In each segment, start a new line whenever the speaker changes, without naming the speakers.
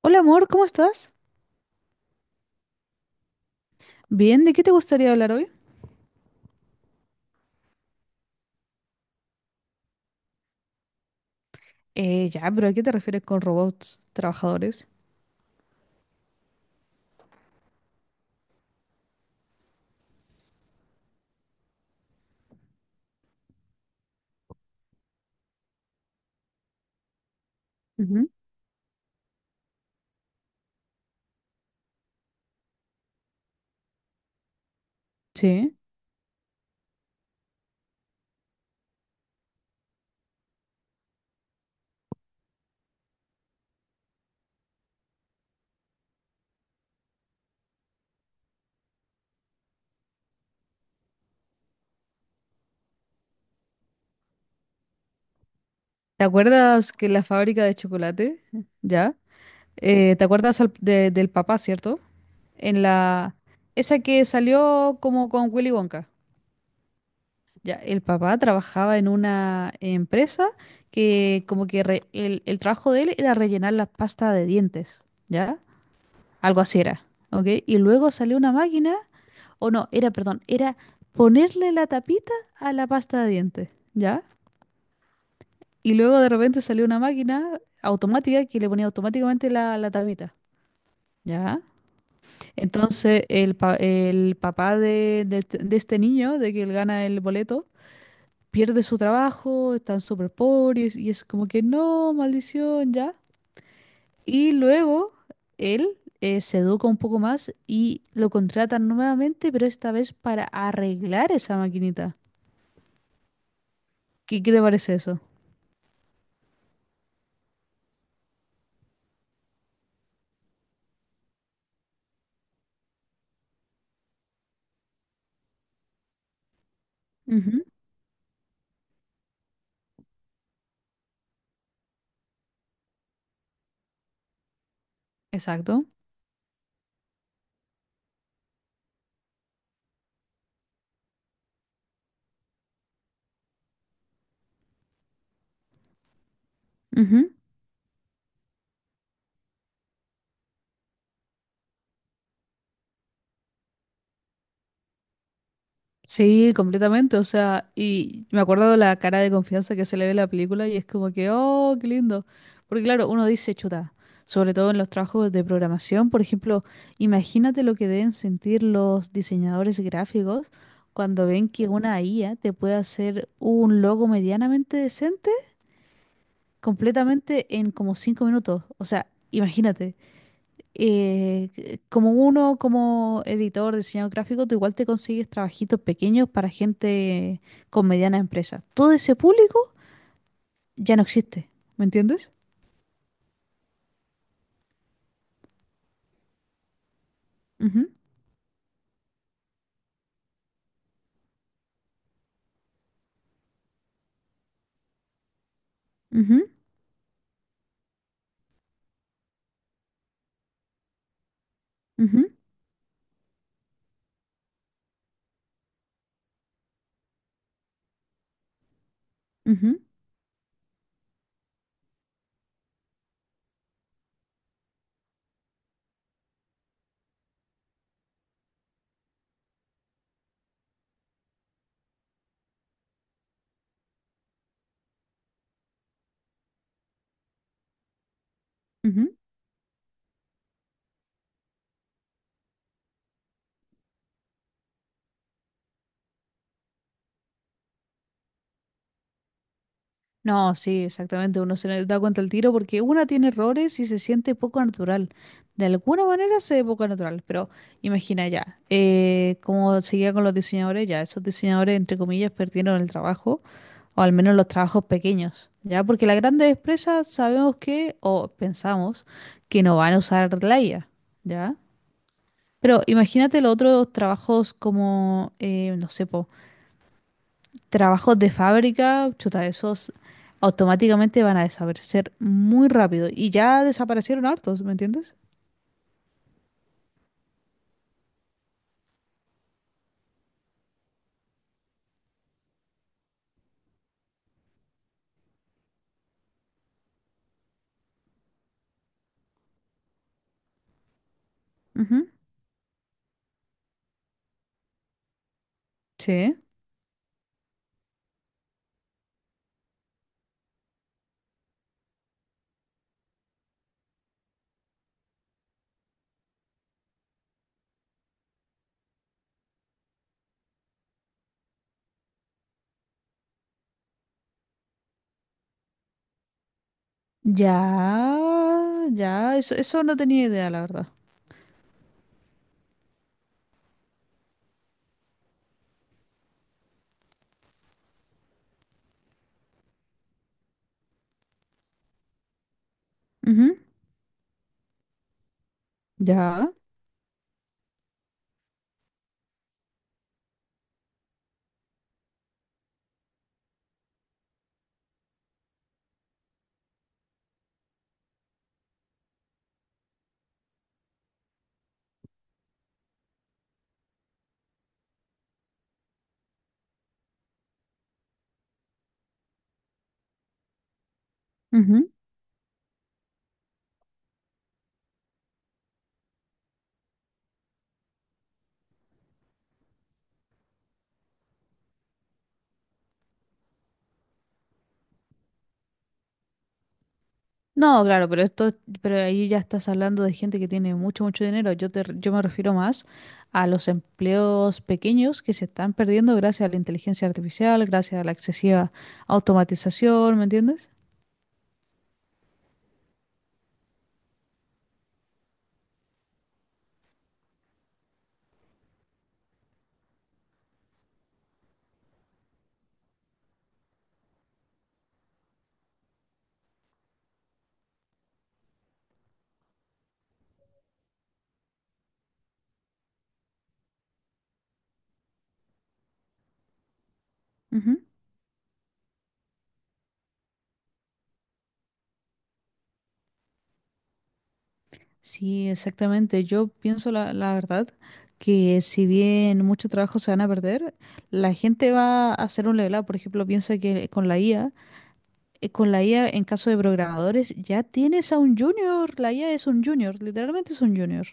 Hola amor, ¿cómo estás? Bien, ¿de qué te gustaría hablar hoy? Ya, pero ¿a qué te refieres con robots trabajadores? Ujú. Sí. ¿Te acuerdas que la fábrica de chocolate? Ya. ¿Te acuerdas del papá, cierto? En la... Esa que salió como con Willy Wonka. Ya, el papá trabajaba en una empresa que como que re- el trabajo de él era rellenar la pasta de dientes, ¿ya? Algo así era, ¿ok? Y luego salió una máquina. O no, era, perdón, era ponerle la tapita a la pasta de dientes, ¿ya? Y luego de repente salió una máquina automática que le ponía automáticamente la tapita, ¿ya? Entonces el papá de este niño, de que él gana el boleto, pierde su trabajo, están súper pobres y es como que no, maldición, ¿ya? Y luego él se educa un poco más y lo contratan nuevamente, pero esta vez para arreglar esa maquinita. ¿Qué te parece eso? Ujú. Exacto. Ujú. Sí, completamente. O sea, y me acuerdo de la cara de confianza que se le ve en la película y es como que, oh, qué lindo. Porque claro, uno dice, chuta, sobre todo en los trabajos de programación, por ejemplo, imagínate lo que deben sentir los diseñadores gráficos cuando ven que una IA te puede hacer un logo medianamente decente completamente en como 5 minutos. O sea, imagínate. eh, Como uno, como editor, diseñador gráfico, tú igual te consigues trabajitos pequeños para gente con mediana empresa. Todo ese público ya no existe, ¿me entiendes? Ujú, ujú, ujú, ujú, ujú. No, sí, exactamente, uno se da cuenta al tiro porque una tiene errores y se siente poco natural. De alguna manera se ve poco natural, pero imagina ya, como seguía con los diseñadores, ya esos diseñadores, entre comillas, perdieron el trabajo. O al menos los trabajos pequeños, ¿ya? Porque las grandes empresas sabemos que, o pensamos, que no van a usar la IA, ¿ya? Pero imagínate los otros trabajos como, no sé, po, trabajos de fábrica, chuta, esos automáticamente van a desaparecer muy rápido. Y ya desaparecieron hartos, ¿me entiendes? Ujú. Sí. Ya, ya, eso no tenía idea, la verdad. Ujú. Ya. Ujú. No, claro, pero esto, pero ahí ya estás hablando de gente que tiene mucho, mucho dinero. Yo me refiero más a los empleos pequeños que se están perdiendo gracias a la inteligencia artificial, gracias a la excesiva automatización, ¿me entiendes? Ujú. Sí, exactamente. Yo pienso la verdad que si bien mucho trabajo se van a perder, la gente va a hacer un level up. Por ejemplo, piensa que con la IA, con la IA en caso de programadores, ya tienes a un junior. La IA es un junior, literalmente es un junior.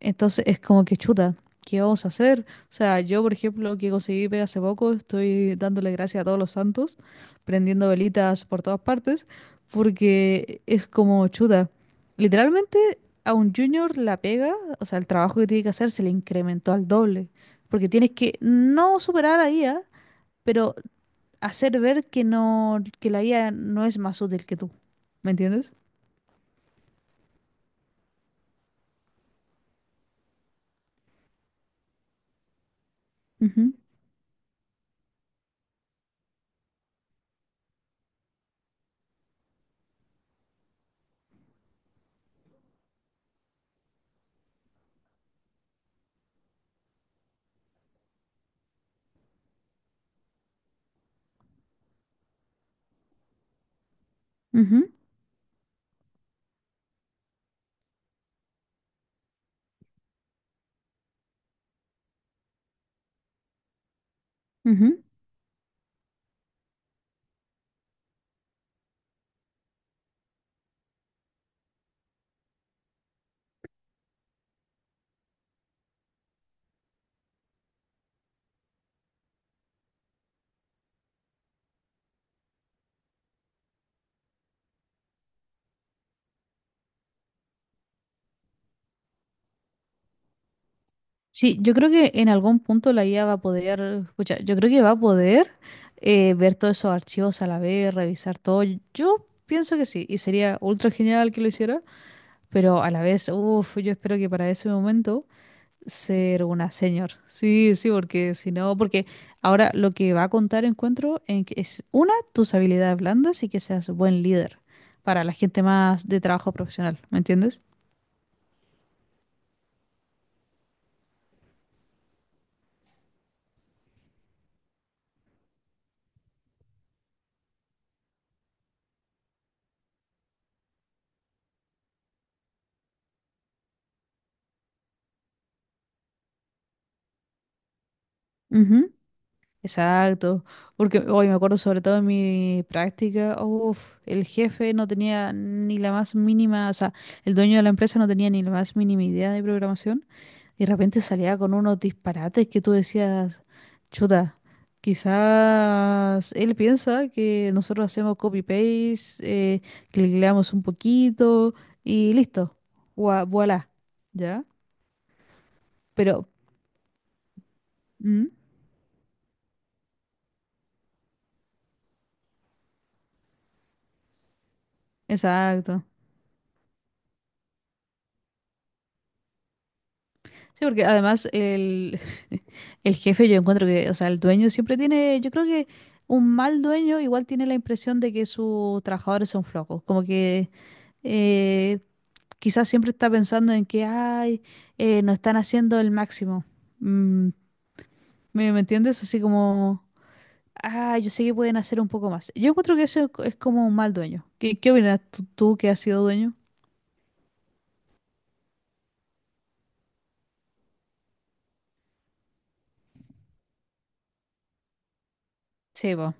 Entonces es como que chuta, ¿qué vamos a hacer? O sea, yo, por ejemplo, que conseguí pega hace poco, estoy dándole gracias a todos los santos, prendiendo velitas por todas partes, porque es como chuta. Literalmente a un junior la pega, o sea, el trabajo que tiene que hacer se le incrementó al doble, porque tienes que no superar a la IA, pero hacer ver que no, que la IA no es más útil que tú. ¿Me entiendes? Ujú, ujú, ujú. Sí, yo creo que en algún punto la IA va a poder, escucha, yo creo que va a poder ver todos esos archivos a la vez, revisar todo. Yo pienso que sí, y sería ultra genial que lo hiciera, pero a la vez, uff, yo espero que para ese momento ser una señor. Sí, sí, porque si no, porque ahora lo que va a contar encuentro en que es una, tus habilidades blandas y que seas buen líder para la gente más de trabajo profesional, ¿me entiendes? Exacto, porque hoy me acuerdo sobre todo en mi práctica, uf, el jefe no tenía ni la más mínima, o sea, el dueño de la empresa no tenía ni la más mínima idea de programación y de repente salía con unos disparates que tú decías, chuta, quizás él piensa que nosotros hacemos copy-paste, eh, cliqueamos un poquito y listo, voila, ¿ya? Pero, mm, exacto. Sí, porque además el, el jefe yo encuentro que, o sea, el dueño siempre tiene, yo creo que un mal dueño igual tiene la impresión de que sus trabajadores son flojos, como que eh, quizás siempre está pensando en que, ay, no están haciendo el máximo. Mm, ¿me entiendes? Así como, ah, yo sé que pueden hacer un poco más. Yo encuentro que eso es, es como un mal dueño. ¿Qué opinas tú, tú que has sido dueño? Sí, vos.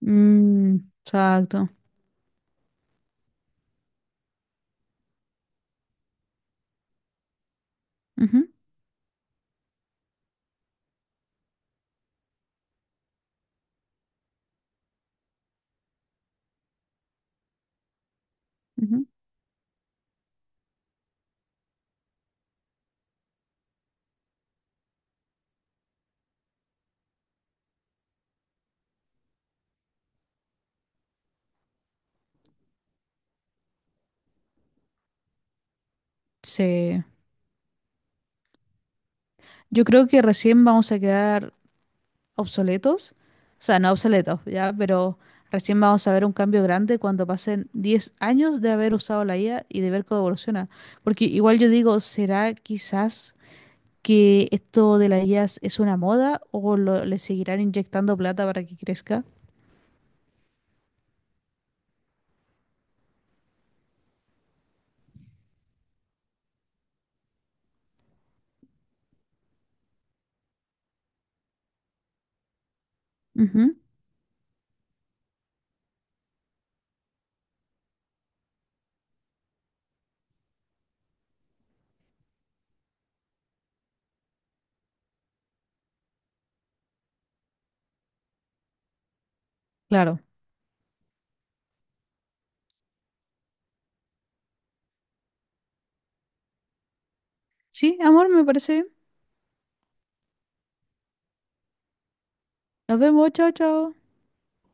Mm, exacto. Ujú, ujú. Sí. Yo creo que recién vamos a quedar obsoletos, o sea, no obsoletos, ya, pero recién vamos a ver un cambio grande cuando pasen 10 años de haber usado la IA y de ver cómo evoluciona. Porque igual yo digo, ¿será quizás que esto de la IA es una moda o le seguirán inyectando plata para que crezca? Ujú. Claro. Sí, amor, me parece bien. Nos vemos, chao, chao.